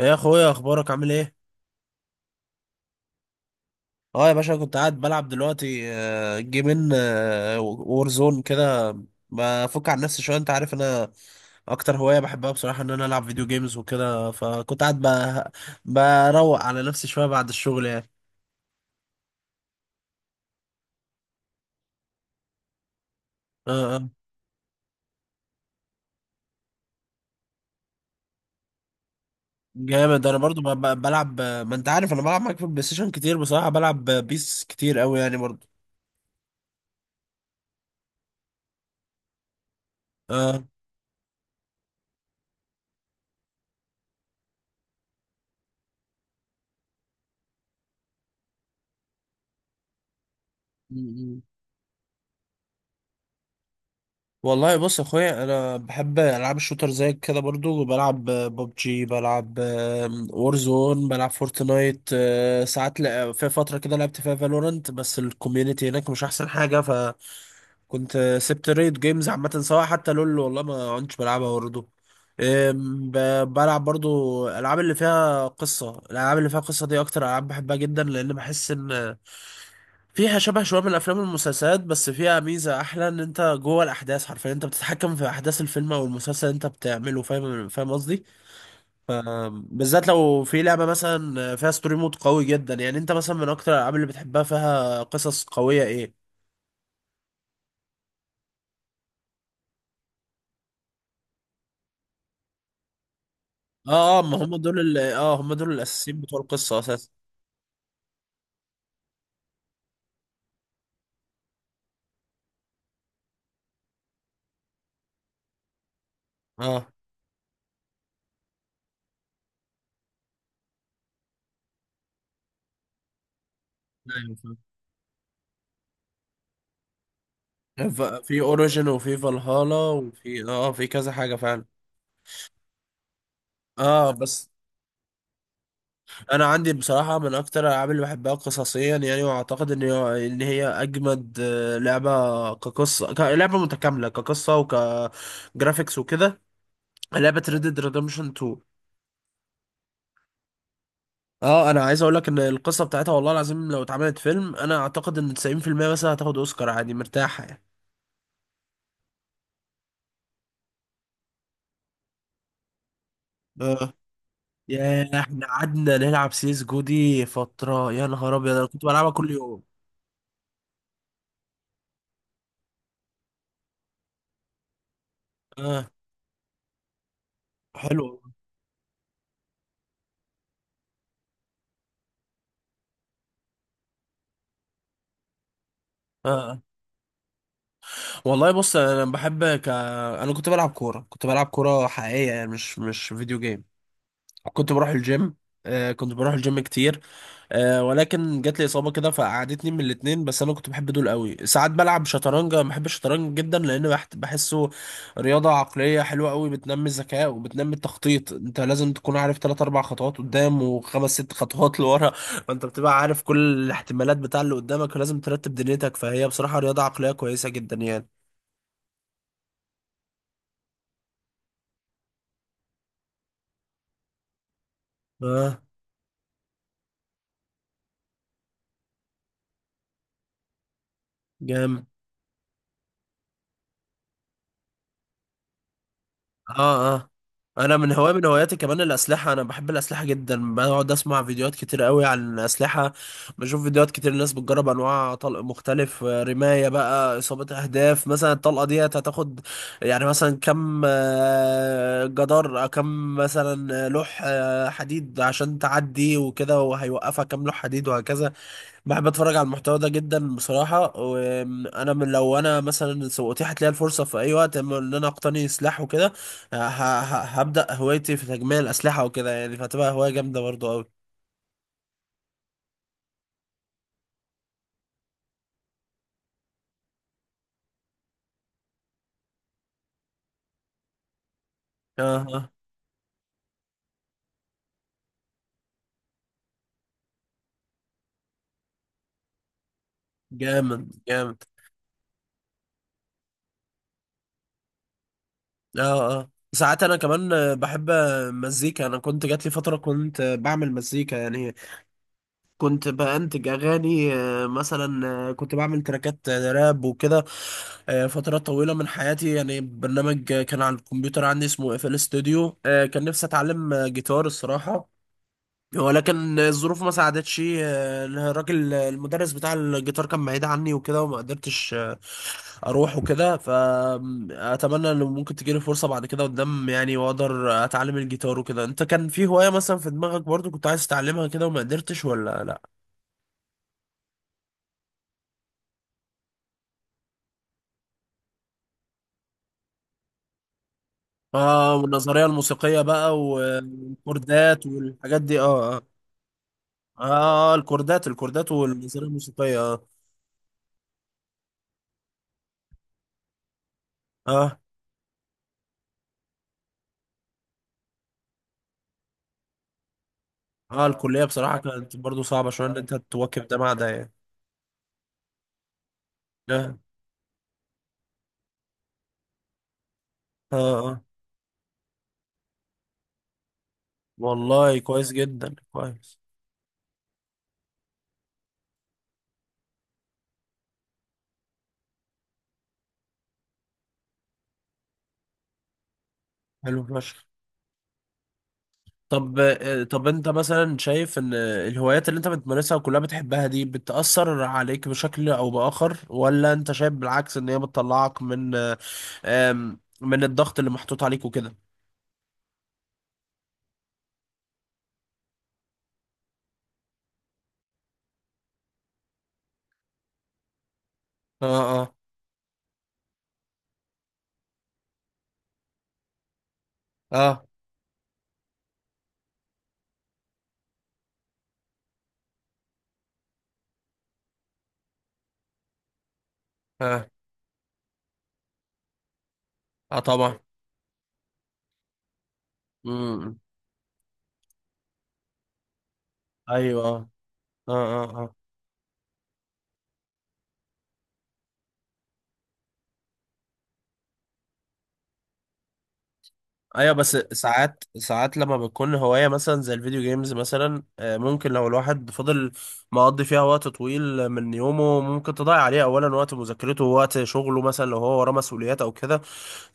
إيه يا اخويا، اخبارك؟ عامل ايه؟ اه يا باشا، كنت قاعد بلعب دلوقتي جيمين وورزون كده. بفك عن نفسي شويه، انت عارف انا اكتر هوايه بحبها بصراحه ان انا العب فيديو جيمز وكده، فكنت قاعد بروق على نفسي شويه بعد الشغل يعني. اه، اه. جامد. انا برضو بلعب، ما انت عارف انا بلعب معاك في البلاي ستيشن كتير، بصراحه بلعب بيس كتير قوي يعني برضو. اه. والله بص يا اخويا، انا بحب العاب الشوتر زيك كده برضو، بلعب ببجي، بلعب وورزون، بلعب فورتنايت ساعات في فتره كده لعبت فيها فالورنت، بس الكوميونتي هناك مش احسن حاجه. كنت سبت ريد جيمز عامة، سواء حتى لول والله ما كنتش بلعبها برضه. بلعب برضو الألعاب اللي فيها قصة، الألعاب اللي فيها قصة دي أكتر ألعاب بحبها جدا، لأن بحس إن فيها شبه شوية من الأفلام والمسلسلات، بس فيها ميزة أحلى، إن أنت جوه الأحداث، حرفيا أنت بتتحكم في أحداث الفيلم أو المسلسل اللي أنت بتعمله. فاهم، فاهم قصدي؟ ف- بالذات لو في لعبة مثلا فيها ستوري مود قوي جدا، يعني أنت مثلا من أكتر الألعاب اللي بتحبها فيها قصص قوية إيه؟ اه، اه، ما هم دول ال... اه هم دول الاساسيين بتوع القصه اساسا. اه، ايوه، فاهم. في اوريجين وفي فالهالا وفي في كذا حاجه فعلا. اه، بس. انا عندي بصراحه من اكتر الالعاب اللي بحبها قصصيا يعني، واعتقد ان ان هي اجمد لعبه كقصه، لعبه متكامله كقصه وكجرافيكس وكده، لعبه Red Dead Redemption 2. اه. انا عايز اقول لك ان القصه بتاعتها، والله العظيم لو اتعملت فيلم انا اعتقد ان 90% مثلا هتاخد اوسكار عادي مرتاحه يعني. اه، يا احنا قعدنا نلعب سيس جو دي فترة، يا نهار ابيض انا كنت بلعبها كل يوم. اه، حلو، اه، آه. والله بص، انا بحب انا كنت بلعب كورة، كنت بلعب كورة حقيقية يعني، مش فيديو جيم. كنت بروح الجيم. كنت بروح الجيم كتير. ولكن جات لي اصابه كده فقعدتني من الاتنين، بس انا كنت بحب دول قوي. ساعات بلعب شطرنج، أنا بحب الشطرنج جدا لان بحسه رياضه عقليه حلوه قوي، بتنمي الذكاء وبتنمي التخطيط، انت لازم تكون عارف تلات اربع خطوات قدام وخمس ست خطوات لورا. فانت بتبقى عارف كل الاحتمالات بتاع اللي قدامك، ولازم ترتب دنيتك، فهي بصراحه رياضه عقليه كويسه جدا يعني. اه، جامد، اه، اه. انا من هواياتي كمان الاسلحه، انا بحب الاسلحه جدا، بقعد اسمع فيديوهات كتير قوي عن الاسلحه. بشوف فيديوهات كتير، الناس بتجرب انواع طلق مختلف، رمايه بقى، اصابه اهداف مثلا، الطلقه دي هتاخد يعني مثلا كم جدار، كم مثلا لوح حديد عشان تعدي وكده، وهيوقفها كم لوح حديد وهكذا. بحب اتفرج على المحتوى ده جدا بصراحه، وانا من لو انا مثلا سوقتي هتلاقي الفرصه في اي وقت اما ان انا اقتني سلاح وكده، هبدا هوايتي في تجميع الاسلحه وكده يعني، فهتبقى هوايه جامده برضو قوي. اه، اه، جامد جامد، اه، اه. ساعات انا كمان بحب مزيكا، انا كنت جات لي فتره كنت بعمل مزيكا يعني، كنت بأنتج أغاني مثلا، كنت بعمل تراكات راب وكده فترات طويلة من حياتي يعني. برنامج كان على الكمبيوتر عندي اسمه اف ال ستوديو، كان نفسي أتعلم جيتار الصراحة، ولكن الظروف ما ساعدتش، الراجل، المدرس بتاع الجيتار كان بعيد عني وكده، وما قدرتش أروح وكده، فأتمنى إن ممكن تجيلي فرصة بعد كده قدام يعني، وأقدر أتعلم الجيتار وكده. أنت كان في هواية مثلا في دماغك برضو كنت عايز تتعلمها كده وما قدرتش ولا لأ؟ اه، والنظريه الموسيقيه بقى والكوردات والحاجات دي، اه، اه. اه، الكوردات الكوردات والنظريه الموسيقيه، اه. اه، اه، الكليه بصراحه كانت برضو صعبه شويه ان انت تواكب ده مع ده يعني. اه، اه، اه، والله كويس جدا كويس. حلو فشخ. طب، طب انت مثلا شايف ان الهوايات اللي انت بتمارسها وكلها بتحبها دي بتأثر عليك بشكل او بآخر، ولا انت شايف بالعكس ان هي بتطلعك من من الضغط اللي محطوط عليك وكده؟ اه، اه، اه، اه، اه، طبعا، امم، ايوه، اه، اه، اه، ايوه. بس ساعات ساعات لما بتكون هوايه مثلا زي الفيديو جيمز مثلا، ممكن لو الواحد فضل مقضي فيها وقت طويل من يومه، ممكن تضيع عليه اولا وقت مذاكرته ووقت شغله، مثلا لو هو وراه مسؤوليات او كده،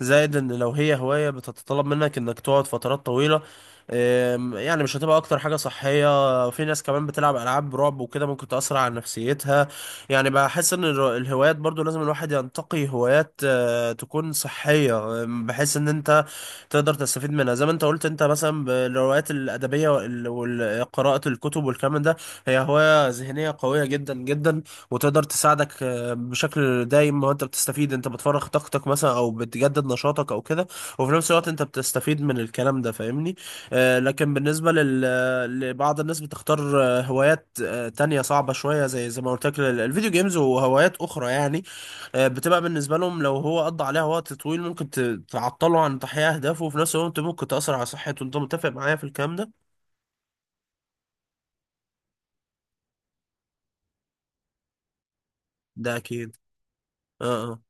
زائد ان لو هي هواية بتتطلب منك انك تقعد فترات طويلة، يعني مش هتبقى اكتر حاجة صحية. في ناس كمان بتلعب العاب رعب وكده ممكن تأثر على نفسيتها. يعني بحس ان الهوايات برضو لازم الواحد ينتقي هوايات تكون صحية، بحيث ان انت تقدر تستفيد منها، زي ما انت قلت، انت مثلا بالروايات الأدبية قراءة الكتب والكلام ده، هي هواية ذهنية قوية جدا جدا، وتقدر تساعدك بشكل دايم، ما هو انت بتستفيد، انت بتفرغ طاقتك مثلا او بتجدد نشاطك او كده، وفي نفس الوقت انت بتستفيد من الكلام ده، فاهمني؟ لكن بالنسبة لبعض الناس بتختار هوايات تانية صعبة شوية، زي ما قلت لك، الفيديو جيمز وهوايات اخرى يعني، بتبقى بالنسبة لهم لو هو قضى عليها وقت طويل، ممكن تعطله عن تحقيق اهدافه، وفي نفس الوقت ممكن تأثر على صحته. انت متفق معايا في الكلام ده؟ ده اكيد، اه،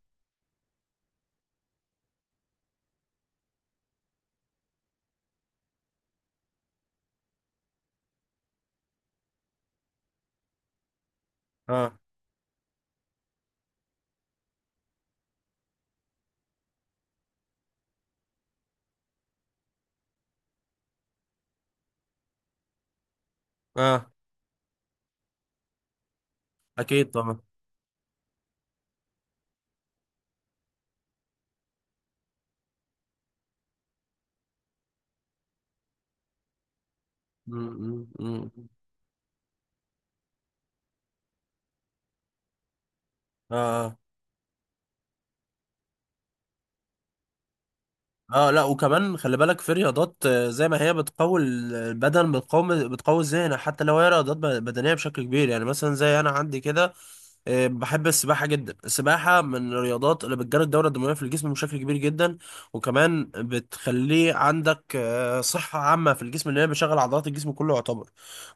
اه، اه، اه، اكيد طبعا. م- م- م- اه، آه. اه، لا، وكمان خلي بالك في رياضات زي ما هي بتقوي البدن، بتقوي الذهن، حتى لو هي رياضات بدنيه بشكل كبير يعني مثلا زي انا عندي كده، بحب السباحة جدا، السباحة من الرياضات اللي بتجري الدورة الدموية في الجسم بشكل كبير جدا، وكمان بتخليه عندك صحة عامة في الجسم، لأن هي بتشغل عضلات الجسم كله يعتبر.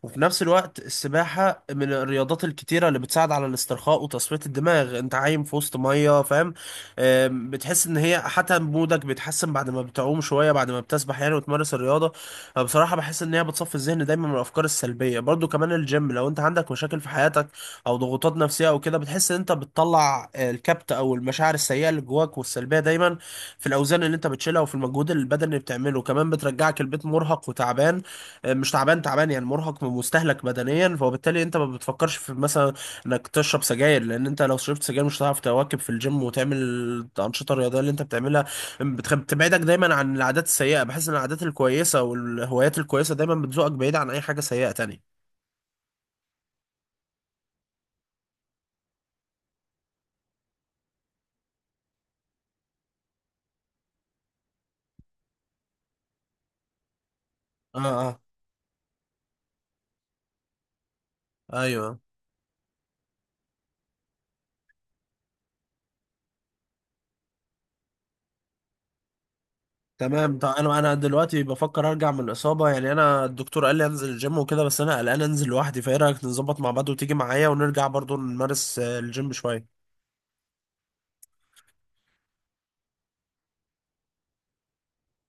وفي نفس الوقت السباحة من الرياضات الكتيرة اللي بتساعد على الاسترخاء وتصفية الدماغ، انت عايم في وسط مية، فاهم؟ بتحس ان هي حتى مودك بيتحسن بعد ما بتعوم شوية بعد ما بتسبح يعني وتمارس الرياضة. فبصراحة بحس ان هي بتصفي الذهن دايما من الافكار السلبية. برضو كمان الجيم، لو انت عندك مشاكل في حياتك او ضغوطات نفسيه او كده، بتحس ان انت بتطلع الكبت او المشاعر السيئه اللي جواك والسلبيه دايما، في الاوزان اللي انت بتشيلها وفي المجهود البدني اللي بتعمله. كمان بترجعك البيت مرهق وتعبان، مش تعبان تعبان يعني، مرهق ومستهلك بدنيا، فبالتالي انت ما بتفكرش في مثلا انك تشرب سجاير، لان انت لو شربت سجاير مش هتعرف تواكب في الجيم وتعمل الانشطه الرياضيه اللي انت بتعملها. بتبعدك دايما عن العادات السيئه، بحس ان العادات الكويسه والهوايات الكويسه دايما بتزوقك بعيد عن اي حاجه سيئه تانية. اه، اه، ايوه، تمام. طب انا دلوقتي بفكر ارجع من الاصابه يعني، انا الدكتور قال لي انزل الجيم وكده، بس انا قلقان انزل لوحدي، فايه رايك نظبط مع بعض وتيجي معايا ونرجع برضو نمارس الجيم شويه؟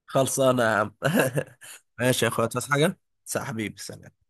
خلصانه يا عم. ماشي يا اخويا، تصحى حاجه؟ سلام حبيبي، سلام.